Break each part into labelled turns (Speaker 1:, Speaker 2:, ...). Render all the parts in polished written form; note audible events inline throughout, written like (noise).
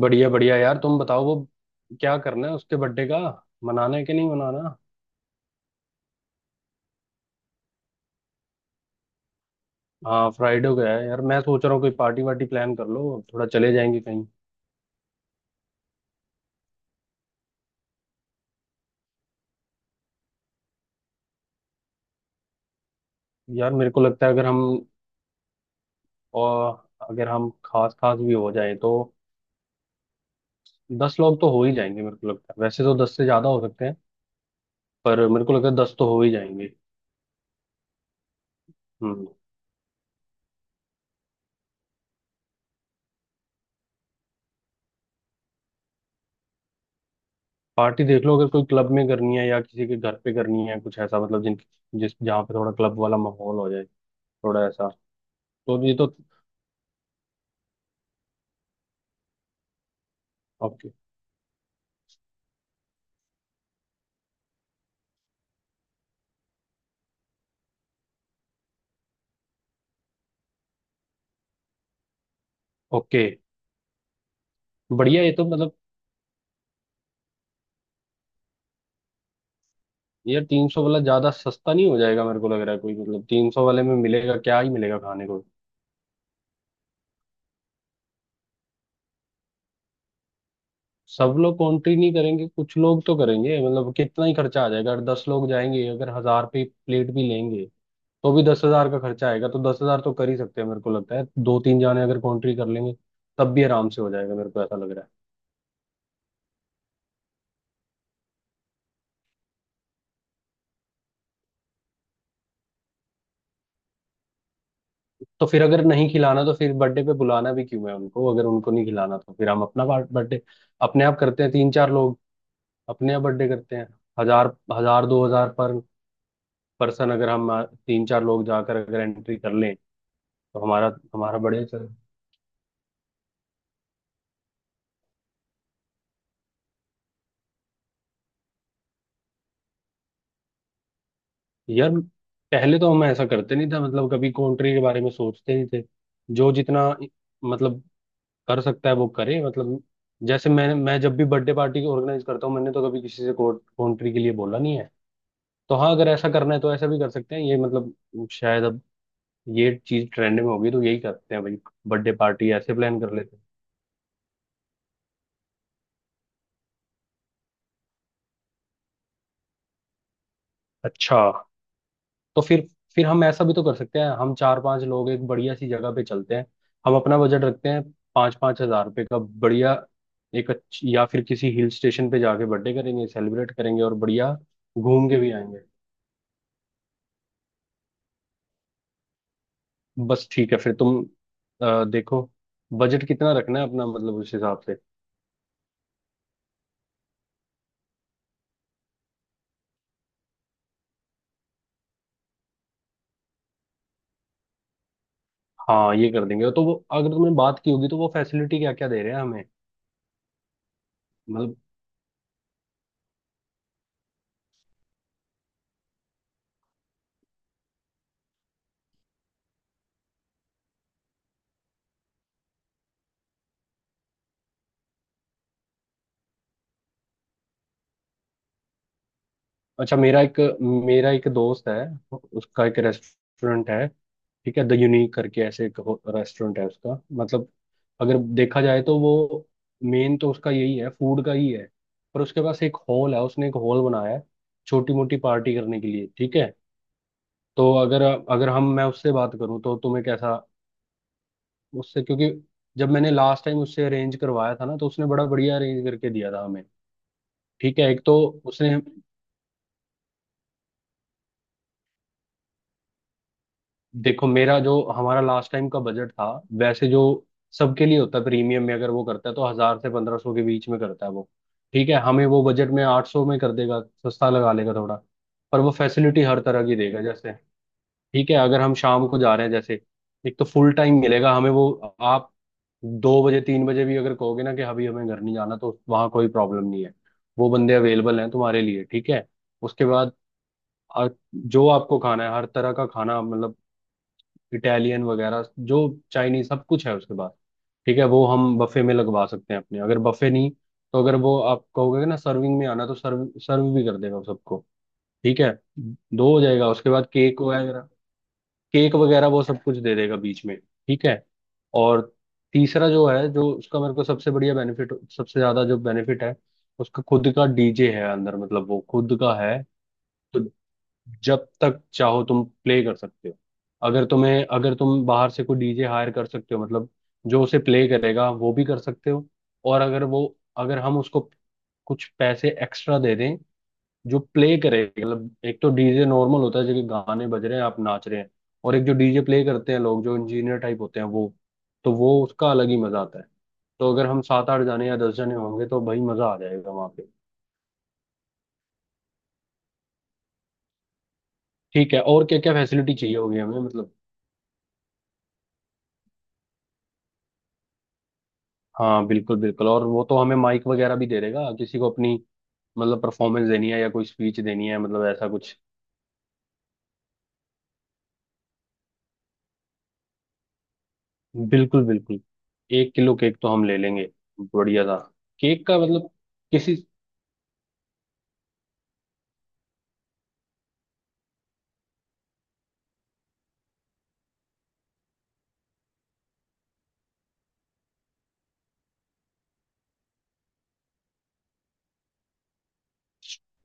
Speaker 1: बढ़िया बढ़िया यार, तुम बताओ। वो क्या करना है उसके बर्थडे का? मनाना है कि नहीं मनाना? हाँ, फ्राइडे हो गया है यार। मैं सोच रहा हूँ कोई पार्टी वार्टी प्लान कर लो, थोड़ा चले जाएंगे कहीं। यार मेरे को लगता है अगर हम, और अगर हम खास खास भी हो जाएं तो दस लोग तो हो ही जाएंगे। मेरे को लगता है वैसे तो दस से ज्यादा हो सकते हैं, पर मेरे को लगता है दस तो हो ही जाएंगे। हम्म। पार्टी देख लो, अगर कोई क्लब में करनी है या किसी के घर पे करनी है, कुछ ऐसा। मतलब जिन जिस जहाँ पे थोड़ा क्लब वाला माहौल हो जाए, थोड़ा ऐसा। तो ये तो। ओके। ओके। बढ़िया, ये तो मतलब। यार तीन सौ वाला ज्यादा सस्ता नहीं हो जाएगा? मेरे को लग रहा है, कोई मतलब तीन सौ वाले में मिलेगा, क्या ही मिलेगा खाने को। सब लोग कॉन्ट्री नहीं करेंगे, कुछ लोग तो करेंगे। मतलब कितना ही खर्चा आ जाएगा। अगर दस लोग जाएंगे, अगर हजार पे प्लेट भी लेंगे तो भी दस हजार का खर्चा आएगा। तो दस हजार तो कर ही सकते हैं। मेरे को लगता है दो तीन जाने अगर कॉन्ट्री कर लेंगे तब भी आराम से हो जाएगा। मेरे को ऐसा लग रहा है। तो फिर अगर नहीं खिलाना तो फिर बर्थडे पे बुलाना भी क्यों है उनको? अगर उनको नहीं खिलाना तो फिर हम अपना बर्थडे अपने आप करते हैं। तीन चार लोग अपने यहाँ बर्थडे करते हैं। हजार, हजार दो हजार पर पर्सन, अगर हम तीन चार लोग जाकर अगर एंट्री कर लें तो हमारा, बढ़िया चल। यार पहले तो हम ऐसा करते नहीं था, मतलब कभी कंट्री के बारे में सोचते नहीं थे। जो जितना मतलब कर सकता है वो करे। मतलब जैसे मैं जब भी बर्थडे पार्टी ऑर्गेनाइज करता हूँ, मैंने तो कभी किसी से कंट्री के लिए बोला नहीं है। तो हाँ, अगर ऐसा करना है तो ऐसा भी कर सकते हैं। ये मतलब शायद अब ये चीज ट्रेंड में होगी तो यही करते हैं भाई, बर्थडे पार्टी ऐसे प्लान कर लेते हैं। अच्छा। तो फिर, हम ऐसा भी तो कर सकते हैं, हम चार पांच लोग एक बढ़िया सी जगह पे चलते हैं। हम अपना बजट रखते हैं, पाँच पाँच हजार रुपये का, बढ़िया एक अच्छी, या फिर किसी हिल स्टेशन पे जाके बर्थडे करेंगे, सेलिब्रेट करेंगे और बढ़िया घूम के भी आएंगे। बस, ठीक है फिर। तुम देखो बजट कितना रखना है अपना, मतलब उस हिसाब से। हाँ, ये कर देंगे तो वो, अगर तुमने बात की होगी तो वो फैसिलिटी क्या क्या दे रहे हैं हमें मतलब? अच्छा, मेरा एक, दोस्त है, उसका एक रेस्टोरेंट है। ठीक है, द यूनिक करके ऐसे एक रेस्टोरेंट है उसका। मतलब अगर देखा जाए तो वो मेन तो उसका यही है, फूड का ही है, पर उसके पास एक हॉल है, उसने एक हॉल बनाया है छोटी मोटी पार्टी करने के लिए। ठीक है, तो अगर, हम, मैं उससे बात करूं तो तुम्हें कैसा? उससे क्योंकि जब मैंने लास्ट टाइम उससे अरेंज करवाया था ना, तो उसने बड़ा बढ़िया अरेंज करके दिया था हमें। ठीक है। एक तो उसने, देखो मेरा जो हमारा लास्ट टाइम का बजट था, वैसे जो सबके लिए होता है प्रीमियम में अगर वो करता है, तो हजार से पंद्रह सौ के बीच में करता है वो। ठीक है, हमें वो बजट में आठ सौ में कर देगा, सस्ता लगा लेगा थोड़ा। पर वो फैसिलिटी हर तरह की देगा। जैसे, ठीक है, अगर हम शाम को जा रहे हैं, जैसे एक तो फुल टाइम मिलेगा हमें वो। आप दो बजे तीन बजे भी अगर कहोगे ना कि अभी हमें घर नहीं जाना तो वहाँ कोई प्रॉब्लम नहीं है। वो बंदे अवेलेबल हैं तुम्हारे लिए। ठीक है, उसके बाद आ- जो आपको खाना है, हर तरह का खाना, मतलब इटालियन वगैरह जो चाइनीज, सब कुछ है उसके पास। ठीक है, वो हम बफे में लगवा सकते हैं अपने, अगर बफे नहीं तो अगर वो आप कहोगे ना सर्विंग में आना, तो सर्व सर्व भी कर देगा वो सबको। ठीक है, दो हो जाएगा उसके बाद केक वगैरह, वो सब कुछ दे देगा बीच में। ठीक है, और तीसरा जो है, जो उसका मेरे को सबसे बढ़िया बेनिफिट, सबसे ज्यादा जो बेनिफिट है उसका, खुद का डीजे है अंदर। मतलब वो खुद का है तो जब तक चाहो तुम प्ले कर सकते हो। अगर तुम्हें, अगर तुम बाहर से कोई डीजे हायर कर सकते हो, मतलब जो उसे प्ले करेगा, वो भी कर सकते हो। और अगर वो, अगर हम उसको कुछ पैसे एक्स्ट्रा दे दें जो प्ले करेगा, मतलब एक तो डीजे नॉर्मल होता है जो कि गाने बज रहे हैं आप नाच रहे हैं, और एक जो डीजे प्ले करते हैं लोग जो इंजीनियर टाइप होते हैं वो, तो वो उसका अलग ही मजा आता है। तो अगर हम सात आठ जाने या दस जाने होंगे तो भाई मजा आ जाएगा वहां पे। ठीक है, और क्या क्या फैसिलिटी चाहिए होगी हमें मतलब? हाँ बिल्कुल बिल्कुल, और वो तो हमें माइक वगैरह भी दे देगा, किसी को अपनी मतलब परफॉर्मेंस देनी है या कोई स्पीच देनी है, मतलब ऐसा कुछ। बिल्कुल बिल्कुल, एक किलो केक तो हम ले लेंगे, बढ़िया था। केक का मतलब किसी,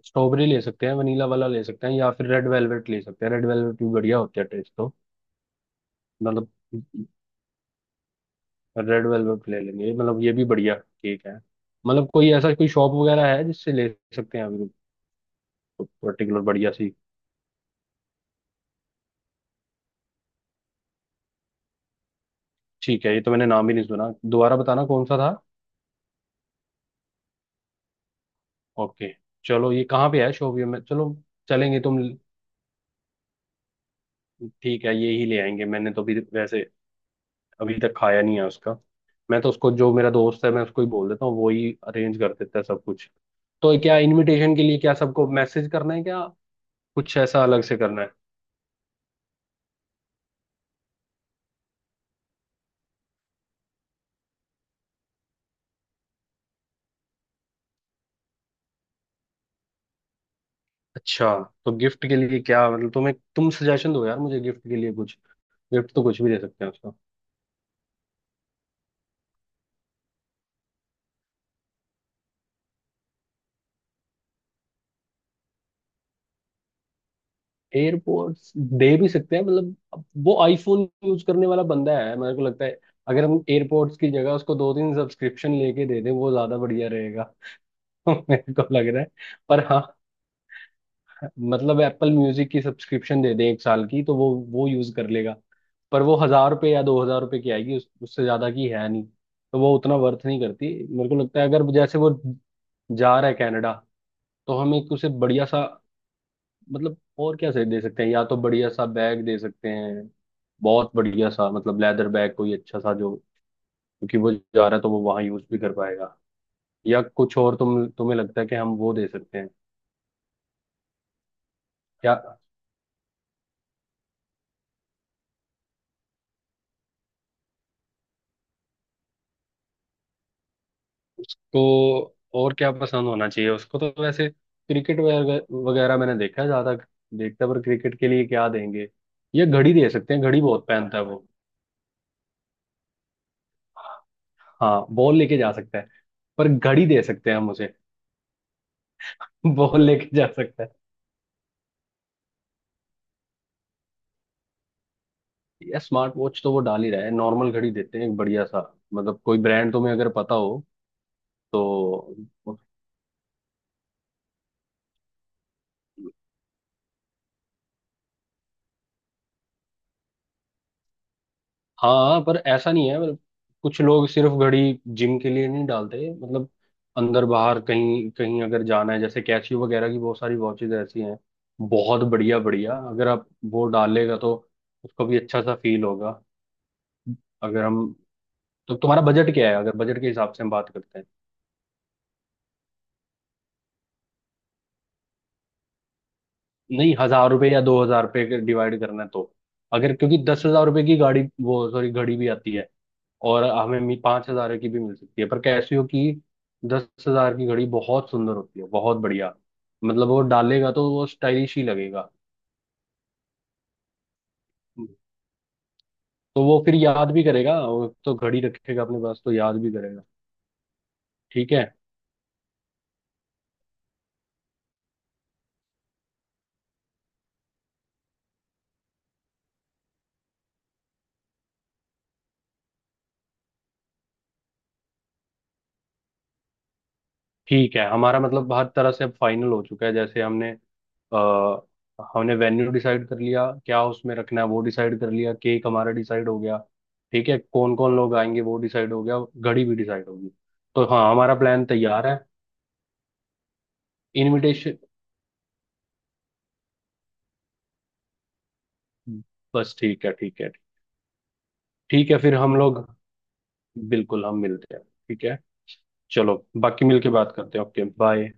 Speaker 1: स्ट्रॉबेरी ले सकते हैं, वनीला वाला ले सकते हैं, या फिर रेड वेलवेट ले सकते हैं। रेड वेलवेट भी बढ़िया होता है टेस्ट तो। मतलब रेड वेलवेट ले लेंगे, मतलब ये भी बढ़िया केक है। मतलब कोई ऐसा कोई शॉप वगैरह है जिससे ले सकते हैं अभी, पर्टिकुलर बढ़िया सी? ठीक है, ये तो मैंने नाम ही नहीं सुना, दोबारा बताना कौन सा था? ओके, चलो। ये कहाँ पे है, शोपियो में? चलो, चलेंगे तुम। ठीक है, ये ही ले आएंगे। मैंने तो अभी वैसे अभी तक खाया नहीं है उसका। मैं तो उसको, जो मेरा दोस्त है, मैं उसको ही बोल देता हूँ, वो ही अरेंज कर देता है सब कुछ। तो क्या इनविटेशन के लिए क्या सबको मैसेज करना है क्या, कुछ ऐसा अलग से करना है? अच्छा, तो गिफ्ट के लिए क्या, मतलब तुम्हें, तुम सजेशन दो यार मुझे गिफ्ट के लिए कुछ। गिफ्ट तो कुछ भी दे सकते हैं। एयरपोर्ट्स दे भी सकते हैं, मतलब अब वो आईफोन यूज करने वाला बंदा है मेरे को लगता है। अगर हम एयरपोर्ट्स की जगह उसको दो तीन सब्सक्रिप्शन लेके दे दें, वो ज्यादा बढ़िया रहेगा। (laughs) मेरे को लग रहा है। पर हाँ, मतलब एप्पल म्यूजिक की सब्सक्रिप्शन दे दें एक साल की तो वो यूज कर लेगा, पर वो हजार रुपये या दो हजार रुपये की आएगी, उससे ज्यादा की है नहीं, तो वो उतना वर्थ नहीं करती मेरे को लगता है। अगर जैसे वो जा रहा है कनाडा, तो हम एक उसे बढ़िया सा मतलब, और क्या सही दे सकते हैं? या तो बढ़िया सा बैग दे सकते हैं, बहुत बढ़िया सा, मतलब लेदर बैग कोई अच्छा सा जो, क्योंकि वो जा रहा है तो वो वहां यूज भी कर पाएगा। या कुछ और तुम्हें लगता है कि हम वो दे सकते हैं क्या? उसको और क्या पसंद होना चाहिए? उसको तो वैसे क्रिकेट वगैरह मैंने देखा है, ज्यादा देखता, पर क्रिकेट के लिए क्या देंगे? या घड़ी दे सकते हैं, घड़ी बहुत पहनता है वो। हाँ, बॉल लेके जा सकता है, पर घड़ी दे सकते हैं हम उसे। (laughs) बॉल लेके जा सकता है, या स्मार्ट वॉच तो वो डाल ही रहा है, नॉर्मल घड़ी देते हैं एक बढ़िया सा, मतलब कोई ब्रांड तुम्हें अगर पता हो तो। हाँ हाँ, पर ऐसा नहीं है मतलब, कुछ लोग सिर्फ घड़ी जिम के लिए नहीं डालते। मतलब अंदर बाहर कहीं कहीं अगर जाना है, जैसे कैसियो वगैरह की बहुत सारी वॉचेज ऐसी हैं, बहुत बढ़िया बढ़िया, अगर आप वो डालेगा तो उसको भी अच्छा सा फील होगा। अगर हम, तो तुम्हारा बजट क्या है, अगर बजट के हिसाब से हम बात करते हैं? नहीं, हजार रुपये या दो हजार रुपये डिवाइड करना है तो, अगर, क्योंकि दस हजार रुपये की गाड़ी, वो सॉरी घड़ी भी आती है, और हमें पांच हजार की भी मिल सकती है पर कैसियो की। दस हजार की घड़ी बहुत सुंदर होती है, बहुत बढ़िया, मतलब वो डालेगा तो वो स्टाइलिश ही लगेगा। तो वो फिर याद भी करेगा, और तो घड़ी रखेगा अपने पास, तो याद भी करेगा। ठीक है। ठीक है, हमारा मतलब हर तरह से अब फाइनल हो चुका है। जैसे हमने आ, हमने वेन्यू डिसाइड कर लिया, क्या उसमें रखना है वो डिसाइड कर लिया, केक हमारा डिसाइड हो गया, ठीक है कौन कौन लोग आएंगे वो डिसाइड हो गया, घड़ी भी डिसाइड होगी, तो हाँ हमारा प्लान तैयार है। इनविटेशन, बस। ठीक है, ठीक है। ठीक है, फिर हम लोग बिल्कुल हम मिलते हैं। ठीक है, चलो। बाकी मिलके बात करते हैं। Okay, bye.